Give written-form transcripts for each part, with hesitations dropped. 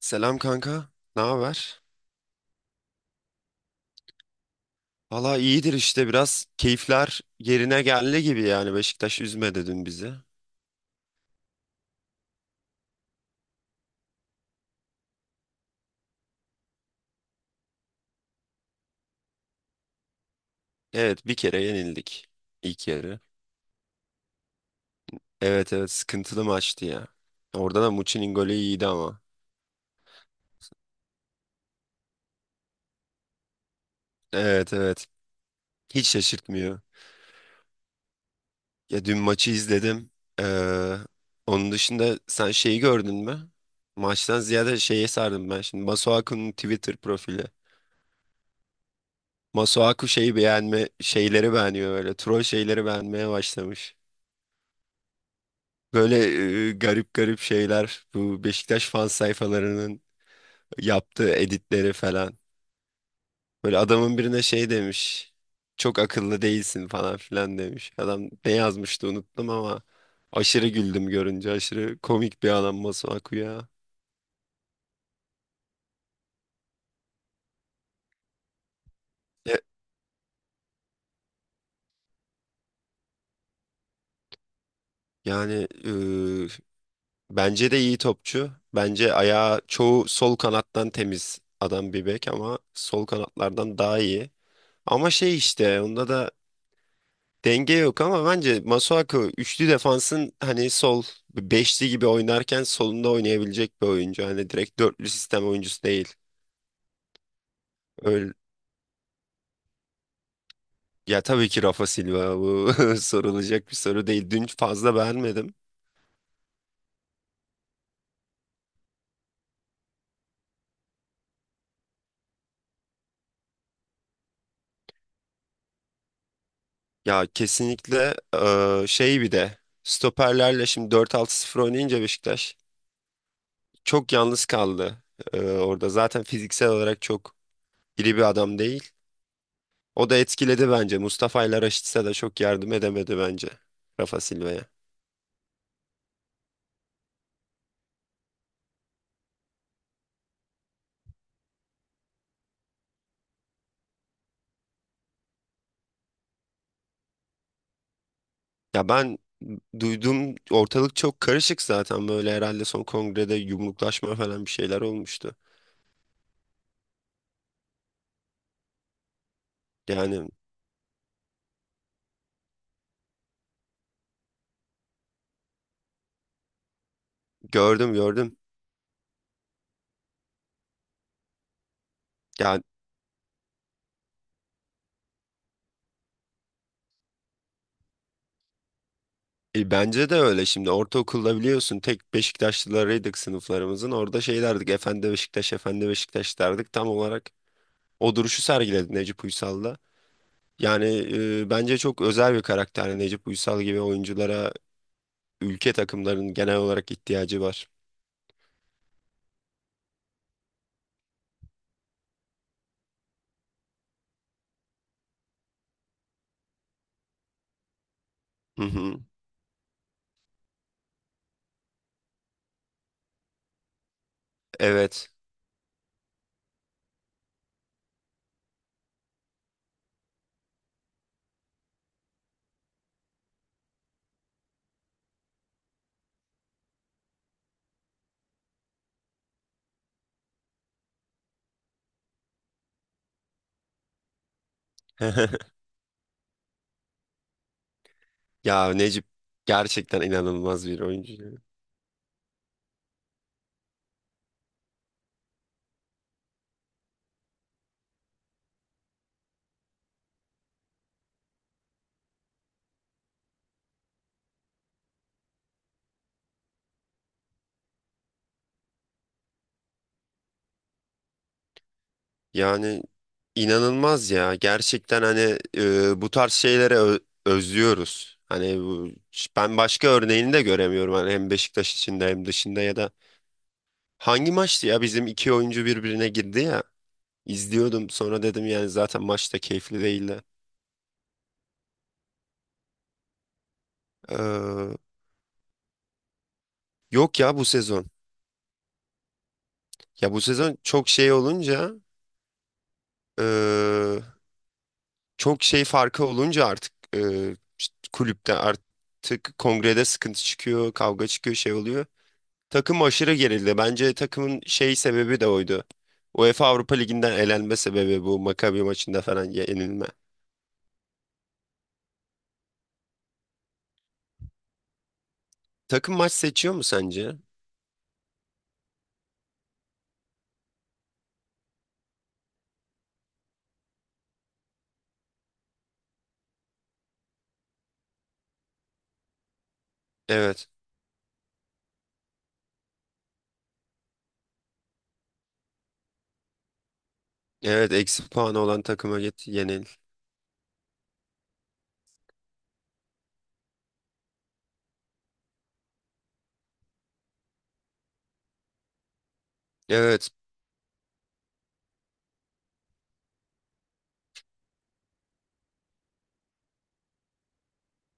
Selam kanka. Ne haber? Valla iyidir işte biraz keyifler yerine geldi gibi yani Beşiktaş üzmedi dün bizi. Evet bir kere yenildik ilk yarı. Evet, evet, sıkıntılı maçtı ya. Orada da Muçi'nin golü iyiydi ama. Evet, evet, hiç şaşırtmıyor. Ya dün maçı izledim. Ee, Onun dışında sen şeyi gördün mü? Maçtan ziyade şeye sardım ben şimdi. Masuaku'nun Twitter profili. Masuaku şeyi beğenme, şeyleri beğeniyor böyle. Troll şeyleri beğenmeye başlamış. Böyle garip garip şeyler, bu Beşiktaş fan sayfalarının yaptığı editleri falan. Böyle adamın birine şey demiş. Çok akıllı değilsin falan filan demiş. Adam ne yazmıştı unuttum ama aşırı güldüm görünce. Aşırı komik bir adam Masuaku ya. E, Yani, bence de iyi topçu. Bence ayağı çoğu sol kanattan temiz adam, bir bek ama sol kanatlardan daha iyi. Ama şey işte onda da denge yok ama bence Masuaku üçlü defansın hani sol, beşli gibi oynarken solunda oynayabilecek bir oyuncu. Hani direkt dörtlü sistem oyuncusu değil. Öyle, ya tabii ki Rafa Silva bu sorulacak bir soru değil. Dün fazla beğenmedim. Ya kesinlikle şey bir de stoperlerle şimdi 4-6-0 oynayınca Beşiktaş çok yalnız kaldı. Orada zaten fiziksel olarak çok iri bir adam değil. O da etkiledi bence. Mustafa ile Raşit'se de çok yardım edemedi bence Rafa Silva'ya. Ya ben duyduğum ortalık çok karışık zaten, böyle herhalde son kongrede yumruklaşma falan bir şeyler olmuştu. Yani gördüm, gördüm. Yani, bence de öyle. Şimdi ortaokulda biliyorsun tek Beşiktaşlılarıydık sınıflarımızın. Orada şey derdik, efendi Beşiktaş, efendi Beşiktaş derdik, tam olarak o duruşu sergiledi Necip Uysal da. Yani, bence çok özel bir karakter. Yani Necip Uysal gibi oyunculara ülke takımlarının genel olarak ihtiyacı var. Hı hı. Evet. Ya Necip gerçekten inanılmaz bir oyuncu, ya. Yani inanılmaz ya. Gerçekten hani, bu tarz şeylere özlüyoruz. Hani bu, ben başka örneğini de göremiyorum. Hani hem Beşiktaş içinde hem dışında ya da hangi maçtı ya, bizim iki oyuncu birbirine girdi ya. İzliyordum sonra dedim, yani zaten maç da keyifli değildi. Ee, Yok ya, bu sezon. Ya bu sezon çok şey olunca, çok şey farkı olunca artık, işte kulüpte artık kongrede sıkıntı çıkıyor, kavga çıkıyor, şey oluyor. Takım aşırı gerildi. Bence takımın şey sebebi de oydu. UEFA Avrupa Ligi'nden elenme sebebi bu Maccabi maçında falan yenilme. Takım maç seçiyor mu sence? Evet. Evet, eksi puanı olan takıma git yenil. Evet.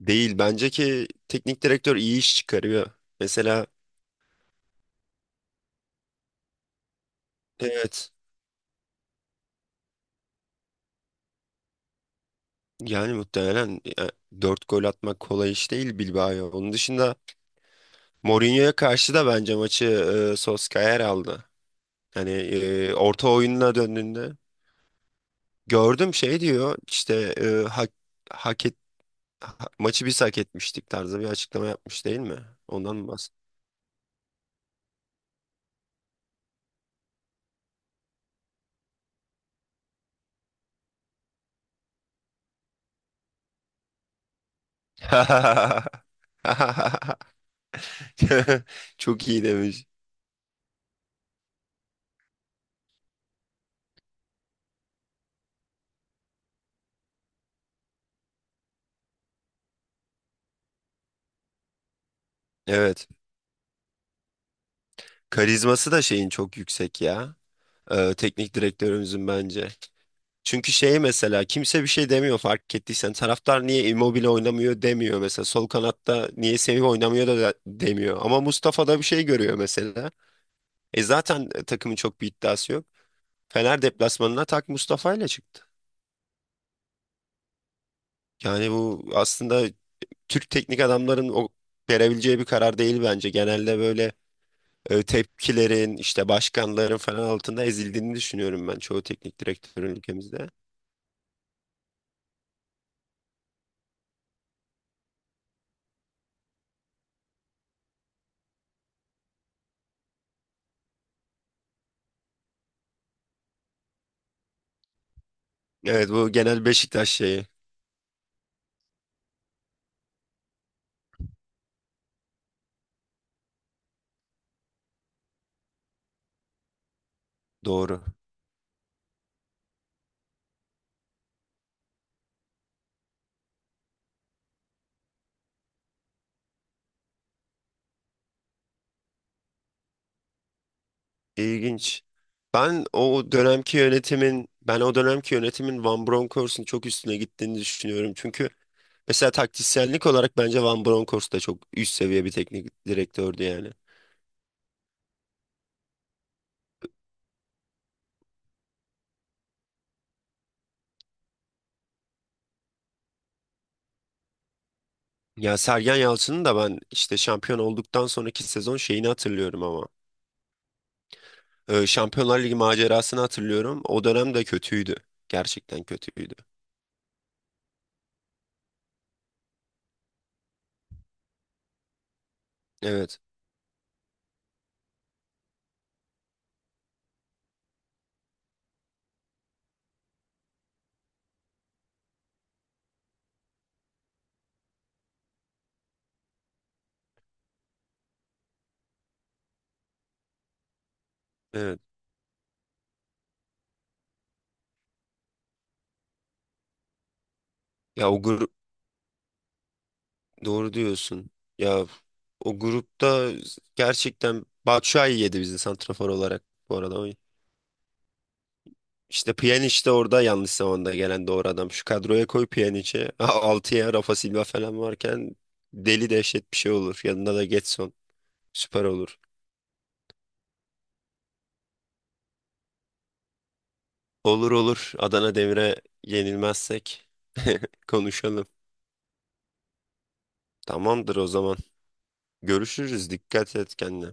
Değil. Bence ki teknik direktör iyi iş çıkarıyor. Mesela evet. Yani muhtemelen, dört gol atmak kolay iş değil Bilbao'ya. Onun dışında Mourinho'ya karşı da bence maçı, Solskjaer aldı. Hani, orta oyununa döndüğünde gördüm şey diyor işte, hak et, maçı biz hak etmiştik tarzı bir açıklama yapmış değil mi? Ondan mı bahsediyorsun? Çok iyi demiş. Evet. Karizması da şeyin çok yüksek ya. Teknik direktörümüzün bence. Çünkü şey, mesela kimse bir şey demiyor fark ettiysen. Taraftar niye Immobile oynamıyor demiyor mesela. Sol kanatta niye Semih oynamıyor demiyor. Ama Mustafa da bir şey görüyor mesela. Zaten, takımın çok bir iddiası yok. Fener deplasmanına tak Mustafa ile çıktı. Yani bu aslında Türk teknik adamların o verebileceği bir karar değil bence. Genelde böyle, tepkilerin işte başkanların falan altında ezildiğini düşünüyorum ben çoğu teknik direktörün ülkemizde. Evet, bu genel Beşiktaş şeyi, doğru. İlginç. Ben o dönemki yönetimin Van Bronckhorst'un çok üstüne gittiğini düşünüyorum. Çünkü mesela taktisyenlik olarak bence Van Bronckhorst da çok üst seviye bir teknik direktördü yani. Ya Sergen Yalçın'ın da ben işte şampiyon olduktan sonraki sezon şeyini hatırlıyorum ama. Şampiyonlar Ligi macerasını hatırlıyorum. O dönem de kötüydü. Gerçekten kötüydü. Evet. Evet. Ya o gru- Doğru diyorsun. Ya o grupta gerçekten Batshuayi yedi bizi santrafor olarak bu arada. İşte Pjanic de orada yanlış zamanda gelen doğru adam. Şu kadroya koy Pjanic'i. Altıya Rafa Silva falan varken deli dehşet bir şey olur. Yanında da Getson, süper olur. Olur, olur. Adana Demir'e yenilmezsek konuşalım. Tamamdır o zaman. Görüşürüz. Dikkat et kendine.